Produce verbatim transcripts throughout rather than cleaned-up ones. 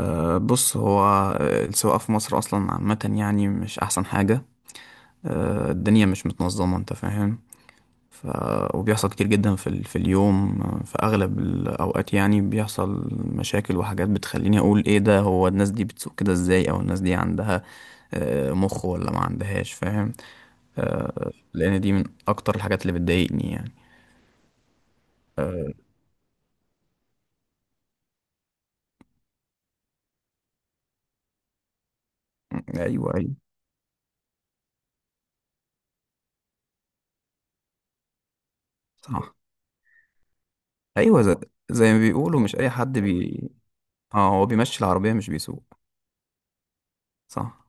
أه بص هو، آه، السواقة في مصر أصلا عامة يعني مش أحسن حاجة. أه الدنيا مش متنظمة، أنت فاهم. ف... وبيحصل كتير جدا في, ال... في اليوم، آه، في أغلب الأوقات يعني بيحصل مشاكل وحاجات بتخليني أقول إيه ده. هو الناس دي بتسوق كده إزاي؟ أو الناس دي عندها آه، مخ ولا ما عندهاش؟ فاهم. لأن دي من أكتر الحاجات اللي بتضايقني يعني. أيوه أيوه. صح. أيوه زي, زي ما بيقولوا مش أي حد بي آه، هو بيمشي العربية مش بيسوق. صح.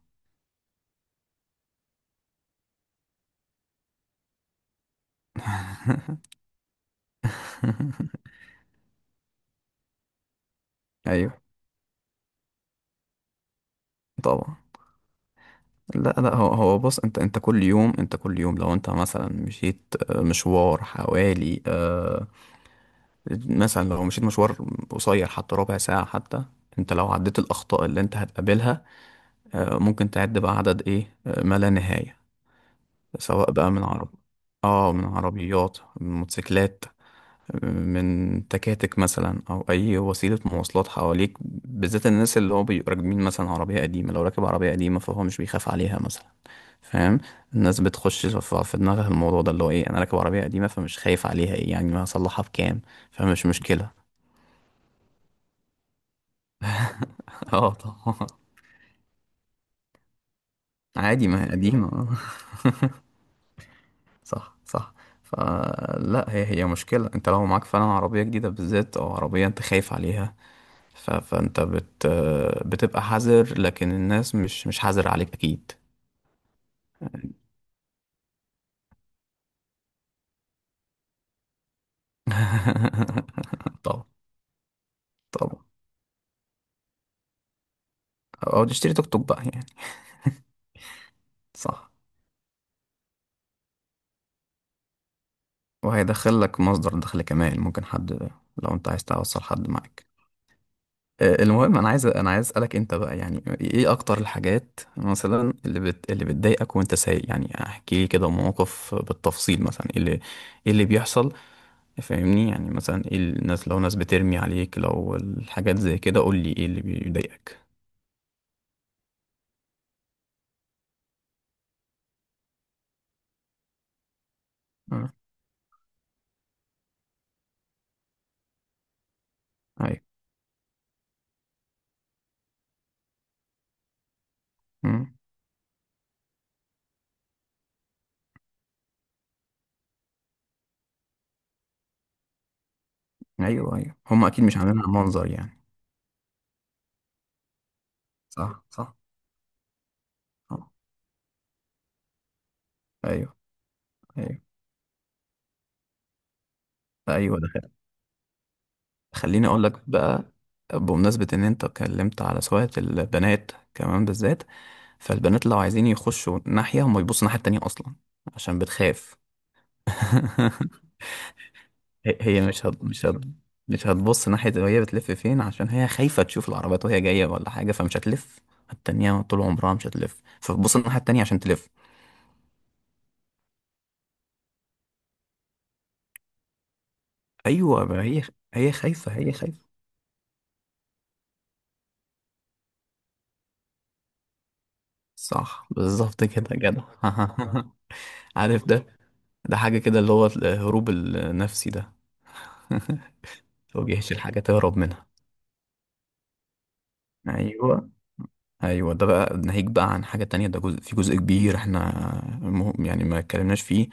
أيوه، طبعا. لا لا، هو هو بص، انت انت كل يوم، انت كل يوم لو انت مثلا مشيت آه، مشوار حوالي، آه، مثلا لو مشيت مشوار قصير حتى ربع ساعة حتى، انت لو عديت الأخطاء اللي انت هتقابلها، آه، ممكن تعد بقى عدد ايه، آه، ما لا نهاية. سواء بقى من عرب، اه من عربيات، من موتوسيكلات، آه، من تكاتك مثلا، او اي وسيله مواصلات حواليك. بالذات الناس اللي هو بيبقوا راكبين مثلا عربيه قديمه، لو راكب عربيه قديمه فهو مش بيخاف عليها مثلا، فاهم. الناس بتخش ف- في دماغها الموضوع ده اللي هو ايه: انا راكب عربيه قديمه فمش خايف عليها، ايه يعني، ما هصلحها بكام، فمش مشكله. اه طبعا. عادي، ما هي قديمه، آه. صح صح. فلا هي، هي مشكله، انت لو معاك فعلا عربيه جديده بالذات، او عربيه انت خايف عليها، ف... فانت بت... بتبقى حذر. لكن الناس مش، مش حذر عليك اكيد. طبعا. طبعا. او تشتري توك توك بقى يعني. صح. وهيدخل لك مصدر دخل كمان، ممكن حد لو انت عايز توصل حد معاك. آه، المهم، انا عايز انا عايز اسالك انت بقى يعني ايه اكتر الحاجات مثلا اللي بت... اللي بتضايقك وانت سايق. يعني احكي لي كده موقف بالتفصيل مثلا، ايه اللي، ايه اللي بيحصل. فاهمني يعني، مثلا ايه الناس، لو ناس بترمي عليك، لو الحاجات زي كده، قول لي ايه اللي بيضايقك. آه، ايوه. مم. ايوه ايوه، هم اكيد مش عاملينها منظر يعني. صح صح. آه، ايوه ايوه ايوه ده. خليني اقول لك بقى بمناسبة ان انت اتكلمت على سواقة البنات كمان بالذات. فالبنات لو عايزين يخشوا ناحية، هم يبصوا الناحية التانية اصلا، عشان بتخاف. هي هي مش هت... مش هت... مش هتبص ناحية وهي بتلف فين، عشان هي خايفة تشوف العربيات وهي جاية ولا حاجة، فمش هتلف التانية طول عمرها. مش هتلف، فبتبص الناحية التانية عشان تلف. ايوه، ما هي هي خايفة، هي خايفة. صح، بالظبط كده جدع. عارف ده؟ ده حاجة كده اللي هو الهروب النفسي ده. هو بيحشي الحاجة تهرب منها. ايوه ايوه. ده بقى ناهيك بقى عن حاجة تانية، ده جزء، في جزء كبير احنا مه- يعني ما اتكلمناش فيه.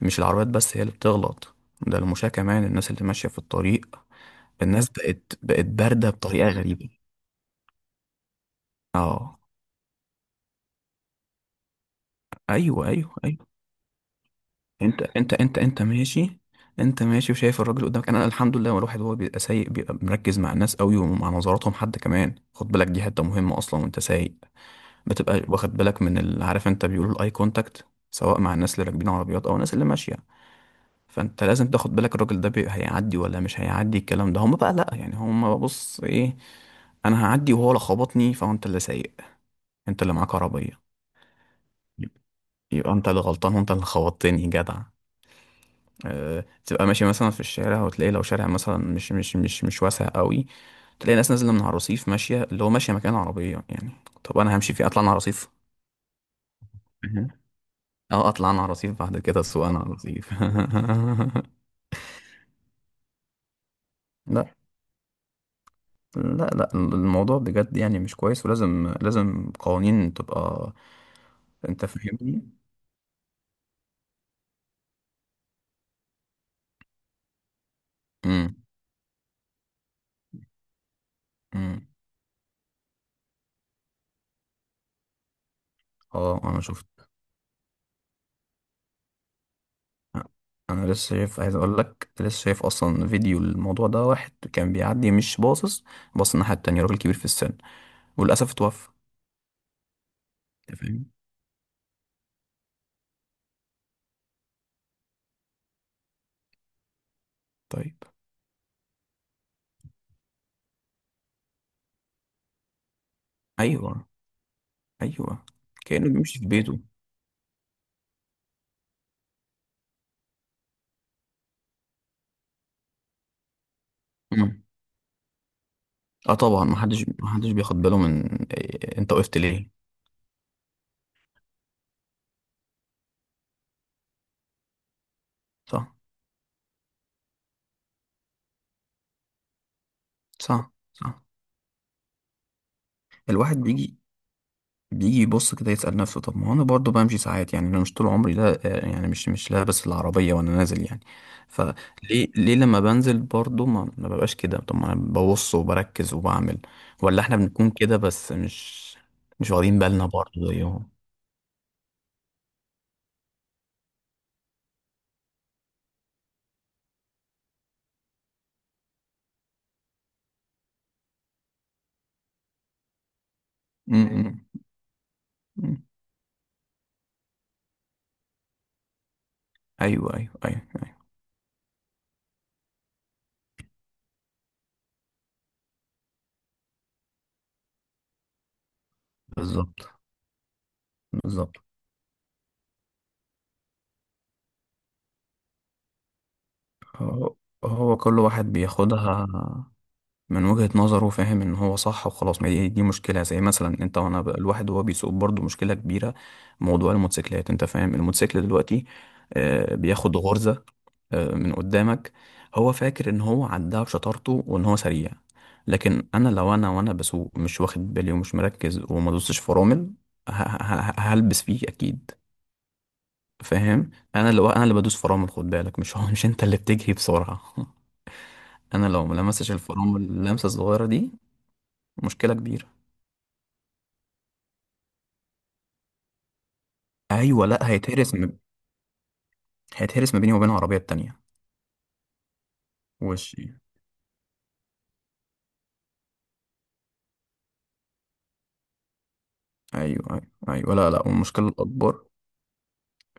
مش العربيات بس هي اللي بتغلط، ده المشاة كمان، الناس اللي ماشية في الطريق. الناس بقت بقت باردة بطريقة غريبة. اه. ايوه ايوه ايوه. انت انت انت انت ماشي، انت ماشي وشايف الراجل قدامك. انا الحمد لله الواحد هو بيبقى سايق، بيبقى مركز مع الناس قوي ومع نظراتهم، حد كمان خد بالك، دي حته مهمه اصلا وانت سايق. بتبقى واخد بالك من ال- عارف، انت بيقولوا الاي كونتاكت، سواء مع الناس اللي راكبين عربيات او الناس اللي ماشيه. فانت لازم تاخد بالك الراجل ده بي- هيعدي ولا مش هيعدي. الكلام ده هم بقى لا، يعني هم بص ايه، انا هعدي وهو لا خبطني. فانت اللي سايق، انت اللي معاك عربيه، يبقى انت اللي غلطان وانت اللي خبطتني جدع. آه، تبقى ماشي مثلا في الشارع وتلاقي لو شارع مثلا مش مش مش مش واسع قوي، تلاقي ناس نازله من على الرصيف ماشيه اللي هو ماشيه مكان عربيه يعني. طب انا همشي فيه، اطلع انا على الرصيف. مهم. اه اطلع انا على الرصيف، بعد كده اسوق انا على الرصيف. لا، لا لا الموضوع بجد يعني مش كويس، ولازم، لازم قوانين تبقى. انت فاهمني. امم. امم. اه انا شفت. انا لسه شايف، عايز اقول لك، لسه شايف اصلا فيديو الموضوع ده، واحد كان بيعدي مش باصص، باص الناحيه التانية، راجل كبير في السن، وللاسف اتوفى. انت فاهم. طيب. ايوه ايوه. كانه بيمشي في بيته. مم. اه طبعا، محدش محدش بياخد باله من إيه انت وقفت ليه. صح صح صح. الواحد بيجي، بيجي يبص كده يسأل نفسه طب ما هو انا برضه بمشي ساعات يعني. انا مش طول عمري لا، آه، يعني مش، مش لابس العربية وانا نازل يعني. فليه، ليه لما بنزل برضه ما, ما ببقاش كده؟ طب ما انا ببص وبركز وبعمل. ولا احنا بنكون كده بس مش، مش واخدين بالنا برضه زيهم. م- م- م. ايوه ايوه ايوه. بالظبط. بالظبط. هو هو كل واحد بياخدها من وجهة نظره، فاهم، ان هو صح وخلاص. ما دي، دي مشكلة. زي مثلا انت وانا بقى الواحد وهو بيسوق برضه مشكلة كبيرة. موضوع الموتوسيكلات، انت فاهم الموتوسيكل دلوقتي آه، بياخد غرزة آه، من قدامك، هو فاكر ان هو عداها بشطارته وان هو سريع. لكن انا لو انا وانا بسوق مش واخد بالي ومش مركز وما دوستش فرامل، ه- ه- ه- هلبس فيه اكيد. فاهم. انا اللي انا اللي بدوس فرامل، خد بالك، مش هو، مش انت اللي بتجري بسرعة. انا لو ما لمستش الفرامل اللمسة الصغيرة دي، مشكلة كبيرة. ايوه. لا، هيتهرس ما... هيتهرس ما بيني وبين العربيه التانيه. وش. ايوه ايوه ايوه. لا، لا، والمشكله الاكبر،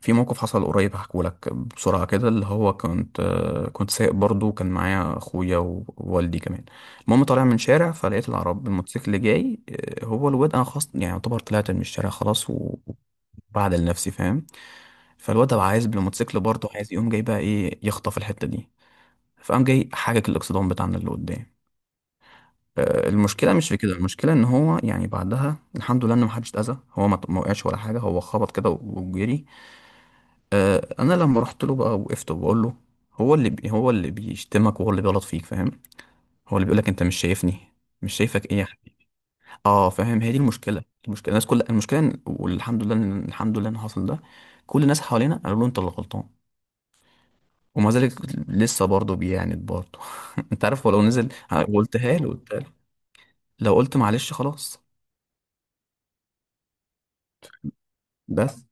في موقف حصل قريب هحكوا لك بسرعه كده، اللي هو كنت، آه، كنت سايق برضو، كان معايا اخويا ووالدي كمان. المهم طالع من شارع، فلقيت العرب، الموتوسيكل جاي. آه، هو الواد، انا خلاص يعني يعتبر طلعت من الشارع خلاص و- وبعدل نفسي، فاهم. فالواد ده عايز بالموتوسيكل برضه، عايز يقوم جاي بقى ايه، يخطف الحته دي. فقام جاي حاجك الاكسدام بتاعنا اللي قدام. آه، المشكله مش في كده، المشكله ان هو يعني بعدها الحمد لله ان محدش اتاذى، هو ما ط- ما وقعش ولا حاجه، هو خبط كده وجري. آه، انا لما رحت له بقى، وقفت وبقول له، هو اللي بي هو اللي بيشتمك وهو اللي بيغلط فيك، فاهم، هو اللي بيقول لك انت مش شايفني. مش شايفك ايه يا حبيبي! اه فاهم، هي دي المشكله. المشكله الناس، كل المشكله إن- والحمد لله إن- الحمد لله ان حصل ده، كل الناس حوالينا قالوا له انت اللي غلطان، ومع ذلك لسه برضه بيعاند برضه. انت عارف، ولو نزل. قلتها له، قلتها له، لو قلت معلش خلاص بس،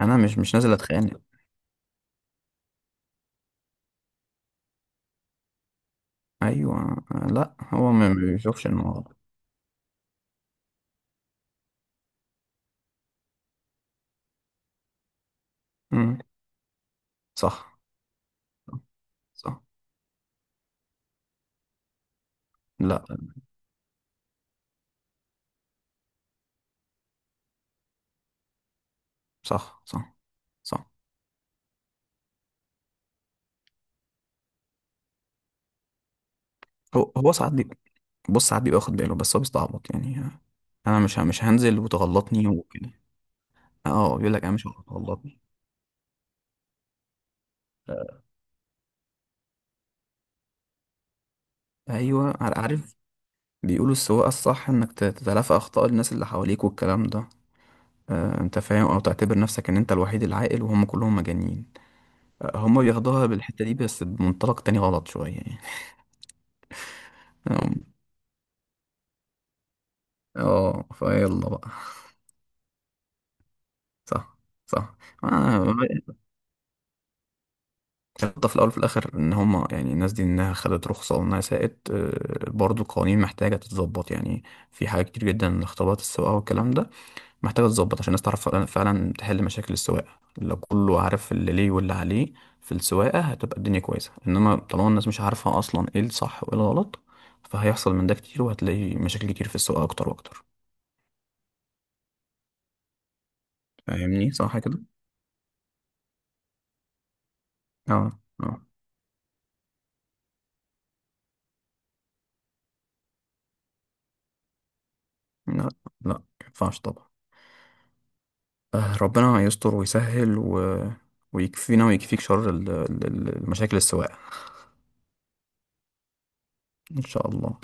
انا مش، مش نازل اتخانق. ايوه. لا، هو ما ما بيشوفش الموضوع. امم. صح صح. لا. صح صح صح. هو هو ساعات بي- بص ساعات بيبقى واخد باله بس هو بيستعبط يعني، انا مش ه- مش هنزل وتغلطني وكده. اه بيقول لك انا مش هتغلطني. ايوه ع- عارف. بيقولوا السواقه الصح انك ت- تتلافى اخطاء الناس اللي حواليك والكلام ده. آه، انت فاهم، او تعتبر نفسك ان انت الوحيد العاقل وهم كلهم مجانين. آه، هم بياخدوها بالحته دي بس بمنطلق تاني غلط شويه يعني. اه فيلا بقى. صح صح. آه، النقطة في الأول وفي الآخر إن هما يعني الناس دي إنها خدت رخصة وإنها سائت، آه، برضو القوانين محتاجة تتظبط يعني. في حاجات كتير جدا، اختبارات السواقة والكلام ده محتاجة تتظبط عشان الناس تعرف فعلا، فعلاً تحل مشاكل السواقة. لو كله عارف اللي ليه واللي عليه في السواقة هتبقى الدنيا كويسة. إنما طالما الناس مش عارفة أصلا إيه الصح وإيه الغلط، فهيحصل من ده كتير، وهتلاقي مشاكل كتير في السواقة أكتر وأكتر. فاهمني صح كده؟ اه اه. لا، لا مينفعش طبعا. آه، ربنا يستر ويسهل و... ويكفينا ويكفيك شر ال- ال- ال- المشاكل السواقة. إن شاء الله.